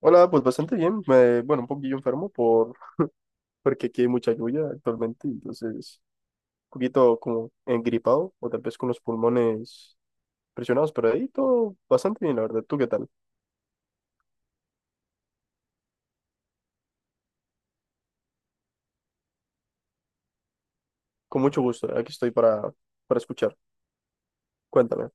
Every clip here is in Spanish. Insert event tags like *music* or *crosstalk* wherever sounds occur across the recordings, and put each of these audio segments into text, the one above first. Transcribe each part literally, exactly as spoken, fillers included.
Hola, pues bastante bien. me- bueno, un poquillo enfermo por, *laughs* porque aquí hay mucha lluvia actualmente, entonces un poquito como engripado o tal vez con los pulmones presionados, pero ahí todo bastante bien, la verdad. ¿Tú qué tal? Con mucho gusto, aquí estoy para, para escuchar. Cuéntame.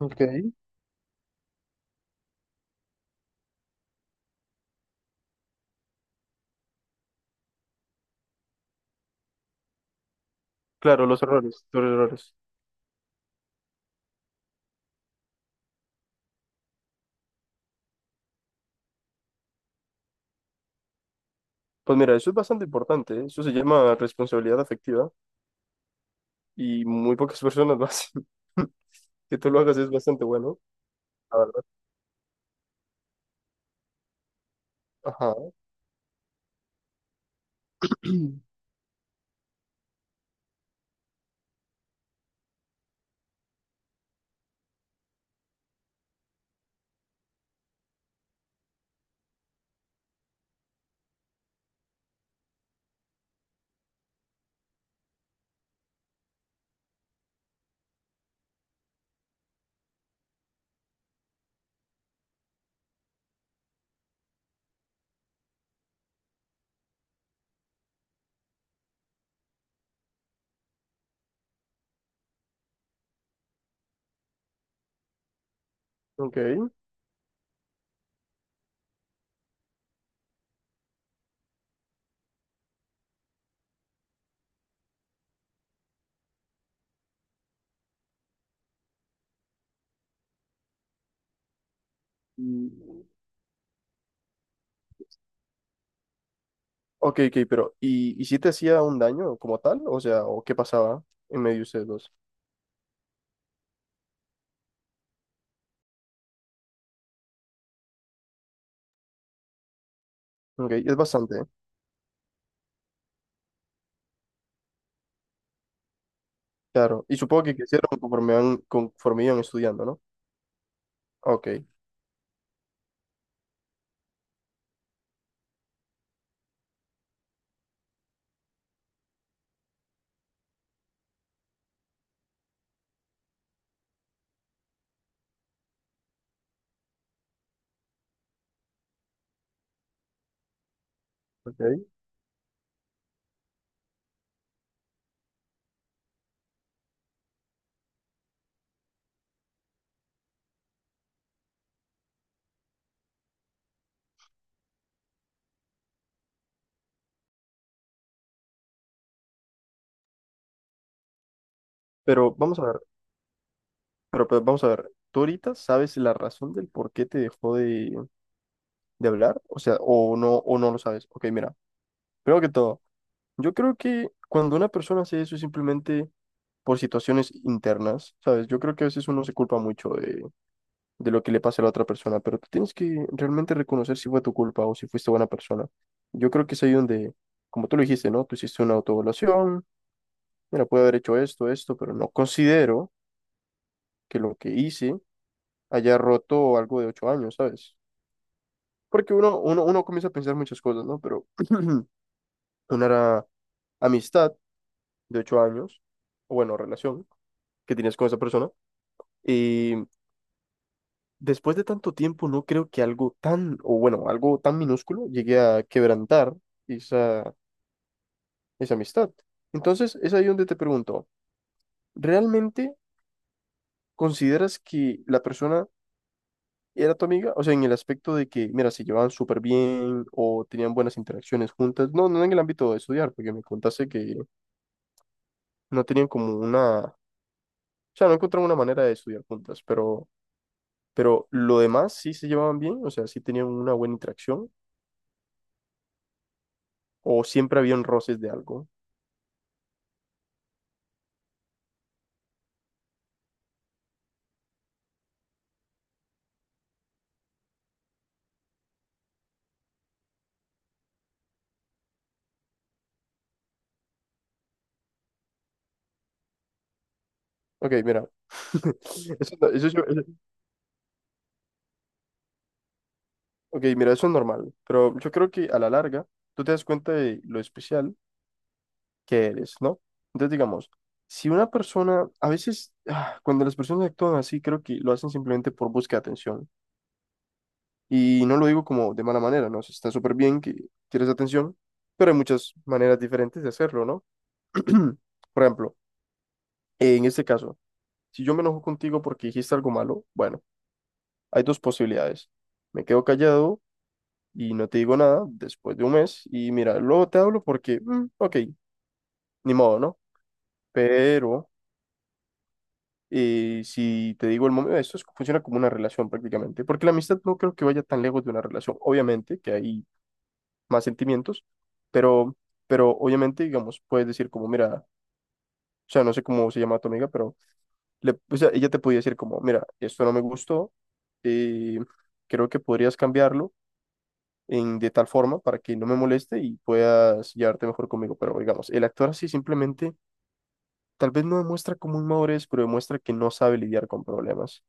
Ok. Claro, los errores, los errores. Pues mira, eso es bastante importante, ¿eh? Eso se llama responsabilidad afectiva y muy pocas *laughs* personas lo hacen. *laughs* Que tú lo hagas es bastante bueno, la verdad. Ajá. *clears throat* Ok. Ok, ok, pero ¿y, y si te hacía un daño como tal? O sea, ¿o qué pasaba en medio de ustedes dos? Ok, es bastante, ¿eh? Claro. Y supongo que crecieron conforme, van, conforme iban estudiando, ¿no? Ok, ok. Pero vamos a ver, pero, pero vamos a ver, ¿tú ahorita sabes la razón del por qué te dejó de, de, hablar? O sea, o no, o no lo sabes. Ok, mira, primero que todo, yo creo que cuando una persona hace eso es simplemente por situaciones internas, ¿sabes? Yo creo que a veces uno se culpa mucho de lo que le pase a la otra persona, pero tú tienes que realmente reconocer si fue tu culpa o si fuiste buena persona. Yo creo que es ahí donde, como tú lo dijiste, ¿no? Tú hiciste una autoevaluación, mira, puedo haber hecho esto, esto, pero no considero que lo que hice haya roto algo de ocho años, ¿sabes? Porque uno, uno, uno comienza a pensar muchas cosas, ¿no? Pero *clears throat* una era amistad de ocho años, o bueno, relación que tienes con esa persona, y después de tanto tiempo, no creo que algo tan, o bueno, algo tan minúsculo llegue a quebrantar esa, esa amistad. Entonces, es ahí donde te pregunto, ¿realmente consideras que la persona era tu amiga? O sea, en el aspecto de que, mira, se llevaban súper bien o tenían buenas interacciones juntas. No, no en el ámbito de estudiar, porque me contaste que no tenían como una, o sea, no encontraron una manera de estudiar juntas, pero, pero lo demás sí se llevaban bien, o sea, sí tenían una buena interacción o siempre habían roces de algo. Ok, mira. *laughs* Eso, no- eso yo- eso- ok, mira, eso es normal, pero yo creo que a la larga tú te das cuenta de lo especial que eres, ¿no? Entonces, digamos, si una persona, a veces, ah, cuando las personas actúan así, creo que lo hacen simplemente por búsqueda de atención. Y no lo digo como de mala manera, ¿no? O sea, está súper bien que quieres atención, pero hay muchas maneras diferentes de hacerlo, ¿no? *clears throat* Por ejemplo, en este caso, si yo me enojo contigo porque dijiste algo malo, bueno, hay dos posibilidades. Me quedo callado y no te digo nada después de un mes y mira, luego te hablo porque, mm, ok, ni modo, ¿no? Pero eh, si te digo el momento, esto es- funciona como una relación prácticamente, porque la amistad no creo que vaya tan lejos de una relación, obviamente que hay más sentimientos, pero, pero obviamente, digamos, puedes decir como, mira, o sea, no sé cómo se llama tu amiga, pero le, o sea, ella te podía decir como, mira, esto no me gustó, eh, creo que podrías cambiarlo en, de tal forma para que no me moleste y puedas llevarte mejor conmigo. Pero digamos, el actuar así simplemente tal vez no demuestra como inmadurez, pero demuestra que no sabe lidiar con problemas.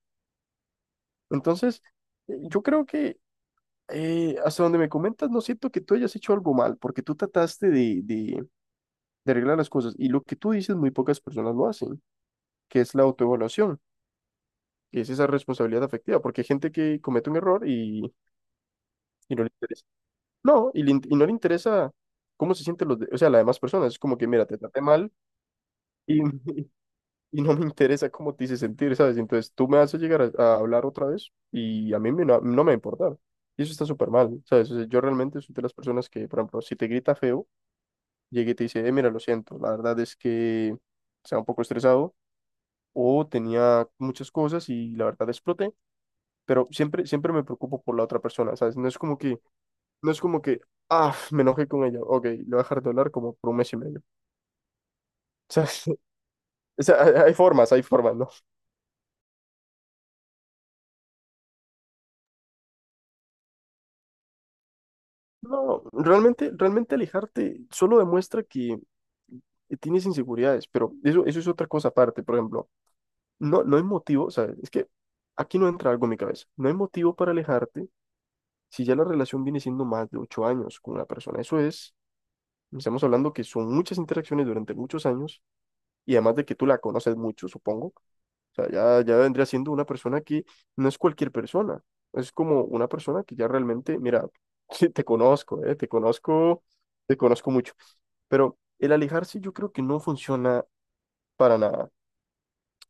Entonces, eh, yo creo que eh, hasta donde me comentas, no siento que tú hayas hecho algo mal, porque tú trataste de, de, de arreglar las cosas y lo que tú dices, muy pocas personas lo hacen, que es la autoevaluación. Que es esa responsabilidad afectiva, porque hay gente que comete un error y, y no le interesa. No, y, le in- y no le interesa cómo se sienten los, de- o sea, las demás personas. Es como que, mira, te traté mal y, *laughs* y no me interesa cómo te hice sentir, ¿sabes? Entonces tú me haces llegar a, a hablar otra vez y a mí me- no, no me va a importar. Y eso está súper mal, ¿sabes? O sea, yo realmente soy de las personas que, por ejemplo, si te grita feo, llegué y te dice, eh, mira, lo siento, la verdad es que estaba un poco estresado o tenía muchas cosas y la verdad exploté, pero siempre, siempre me preocupo por la otra persona, ¿sabes? No es como que No es como que, ah, me enojé con ella. Ok, le voy a dejar de hablar como por un mes y medio. O sea, *laughs* o sea, hay hay formas, hay formas, ¿no? No, realmente, realmente alejarte solo demuestra que tienes inseguridades, pero eso, eso es otra cosa aparte. Por ejemplo, no, no hay motivo, o sea, es que aquí no entra algo en mi cabeza. No hay motivo para alejarte si ya la relación viene siendo más de ocho años con una persona. Eso es, estamos hablando que son muchas interacciones durante muchos años y además de que tú la conoces mucho, supongo. O sea, ya, ya vendría siendo una persona que no es cualquier persona. Es como una persona que ya realmente, mira, *laughs* sí, te conozco, eh, te conozco, te conozco mucho. Pero el alejarse yo creo que no funciona para nada.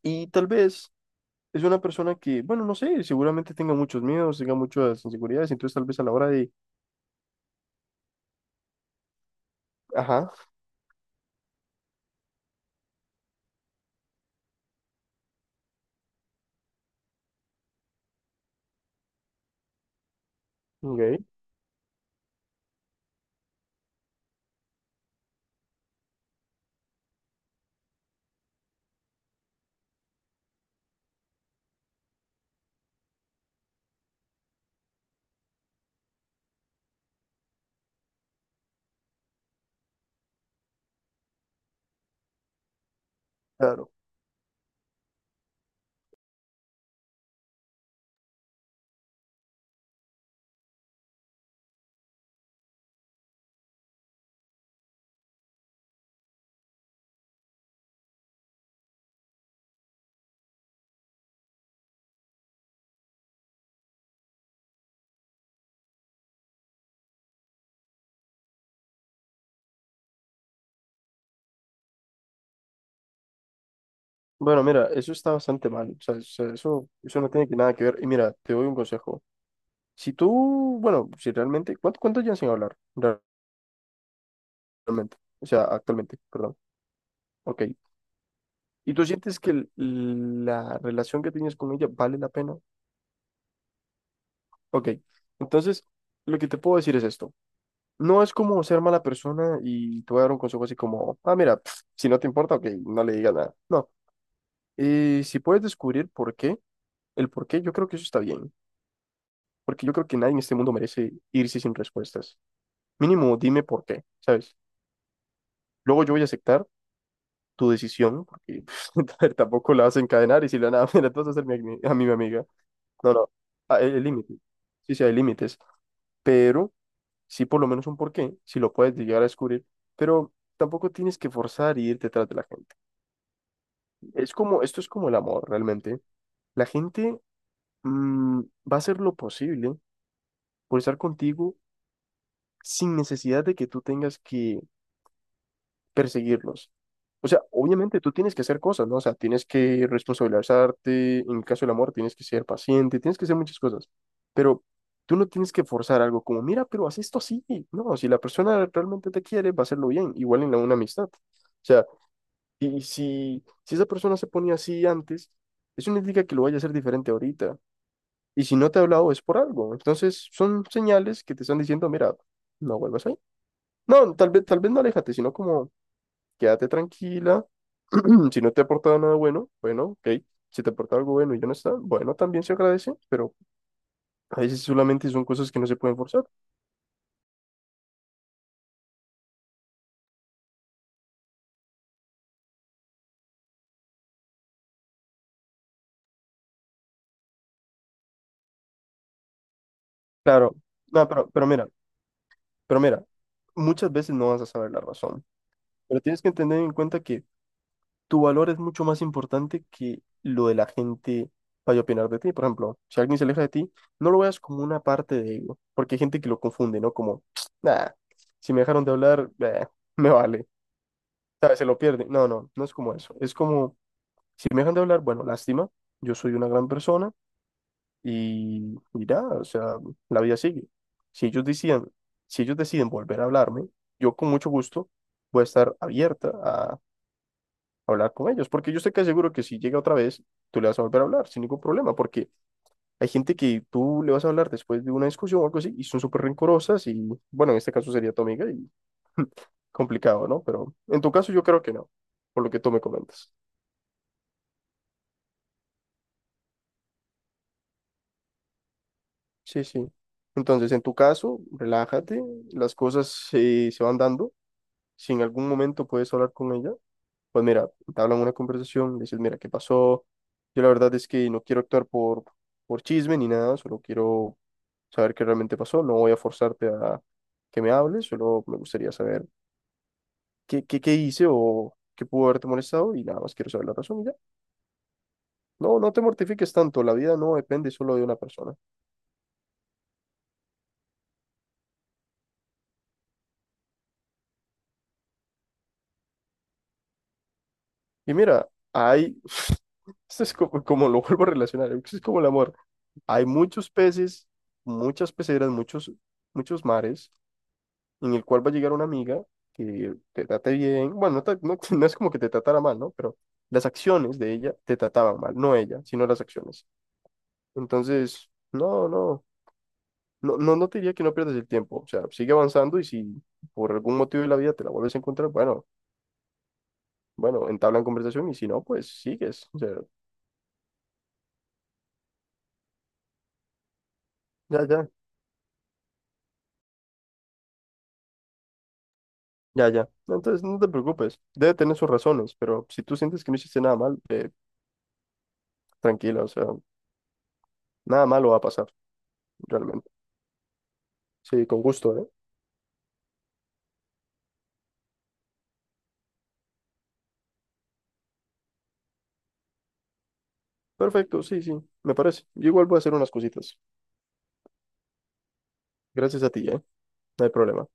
Y tal vez es una persona que, bueno, no sé, seguramente tenga muchos miedos, tenga muchas inseguridades, entonces tal vez a la hora de, ajá, ok, claro. Bueno, mira, eso está bastante mal. O sea, o sea, eso, eso no tiene que nada que ver. Y mira, te doy un consejo. Si tú, bueno, si realmente, ¿cuánto, cuánto llevan sin hablar? Actualmente, o sea, actualmente, perdón. Ok. ¿Y tú sientes que el- la relación que tienes con ella vale la pena? Ok. Entonces, lo que te puedo decir es esto. No es como ser mala persona y te voy a dar un consejo así como, ah, mira, pf, si no te importa, ok, no le digas nada. No. Y si puedes descubrir por qué, el por qué, yo creo que eso está bien. Porque yo creo que nadie en este mundo merece irse sin respuestas. Mínimo, dime por qué, ¿sabes? Luego yo voy a aceptar tu decisión, ¿no? Porque *laughs* a ver, tampoco la vas a encadenar y si la nada, *laughs* mira, tú vas a hacer mi, ami- a mí mi amiga. No, no, ah, el el límite. Sí, sí, hay límites, pero sí por lo menos un porqué, si lo puedes llegar a descubrir, pero tampoco tienes que forzar y ir detrás de la gente. Es como, esto es como el amor, realmente. La gente mm, va a hacer lo posible por estar contigo sin necesidad de que tú tengas que perseguirlos. O sea, obviamente tú tienes que hacer cosas, ¿no? O sea, tienes que responsabilizarte, en el caso del amor tienes que ser paciente, tienes que hacer muchas cosas, pero tú no tienes que forzar algo como, mira, pero haz esto así, no, si la persona realmente te quiere, va a hacerlo bien, igual en la, una amistad. O sea, y, y si, si esa persona se ponía así antes, eso no indica que lo vaya a hacer diferente ahorita. Y si no te ha hablado es por algo. Entonces son señales que te están diciendo, mira, no vuelvas ahí. No, tal vez, tal vez no aléjate, sino como quédate tranquila. *clears throat* Si no te ha aportado nada bueno, bueno, ok. Si te aporta algo bueno y ya no está, bueno, también se agradece, pero a veces solamente son cosas que no se pueden forzar. Claro, no, pero, pero mira, pero mira, muchas veces no vas a saber la razón, pero tienes que tener en cuenta que tu valor es mucho más importante que lo de la gente vaya a opinar de ti. Por ejemplo, si alguien se aleja de ti, no lo veas como una parte de ego, porque hay gente que lo confunde, ¿no? Como, *tsk* nada, si me dejaron de hablar, eh, me vale. Sea, se lo pierde. No, no, no es como eso. Es como, si me dejan de hablar, bueno, lástima, yo soy una gran persona y, y ya, o sea, la vida sigue. Si ellos decían, si ellos deciden volver a hablarme, yo con mucho gusto voy a estar abierta a hablar con ellos, porque yo sé que seguro que si llega otra vez, tú le vas a volver a hablar sin ningún problema, porque hay gente que tú le vas a hablar después de una discusión o algo así y son súper rencorosas y, bueno, en este caso sería tu amiga y complicado, ¿no? Pero en tu caso yo creo que no, por lo que tú me comentas. Sí, sí. Entonces, en tu caso, relájate, las cosas se, se van dando. Si en algún momento puedes hablar con ella, pues mira, te hablan una conversación, le dices, mira, ¿qué pasó? Yo la verdad es que no quiero actuar por, por chisme ni nada, solo quiero saber qué realmente pasó. No voy a forzarte a que me hables, solo me gustaría saber qué, qué, qué hice o qué pudo haberte molestado y nada más quiero saber la razón y ya. No, no te mortifiques tanto, la vida no depende solo de una persona. Y mira, hay, *laughs* esto es como, como lo vuelvo a relacionar, esto es como el amor. Hay muchos peces, muchas peceras, muchos, muchos mares, en el cual va a llegar una amiga que te trate bien. Bueno, no, te- no- *laughs* no es como que te tratara mal, ¿no? Pero las acciones de ella te trataban mal, no ella, sino las acciones. Entonces, no, no, no, no, no te diría que no pierdas el tiempo. O sea, sigue avanzando y si por algún motivo de la vida te la vuelves a encontrar, bueno, bueno, entablan conversación y si no, pues sigues. O sea, ya, ya. Ya, ya. No, entonces no te preocupes. Debe tener sus razones, pero si tú sientes que no hiciste nada mal, eh, tranquila, o sea, nada malo va a pasar, realmente. Sí, con gusto, ¿eh? Perfecto, sí, sí, me parece. Yo igual voy a hacer unas cositas. Gracias a ti, ¿eh? No hay problema.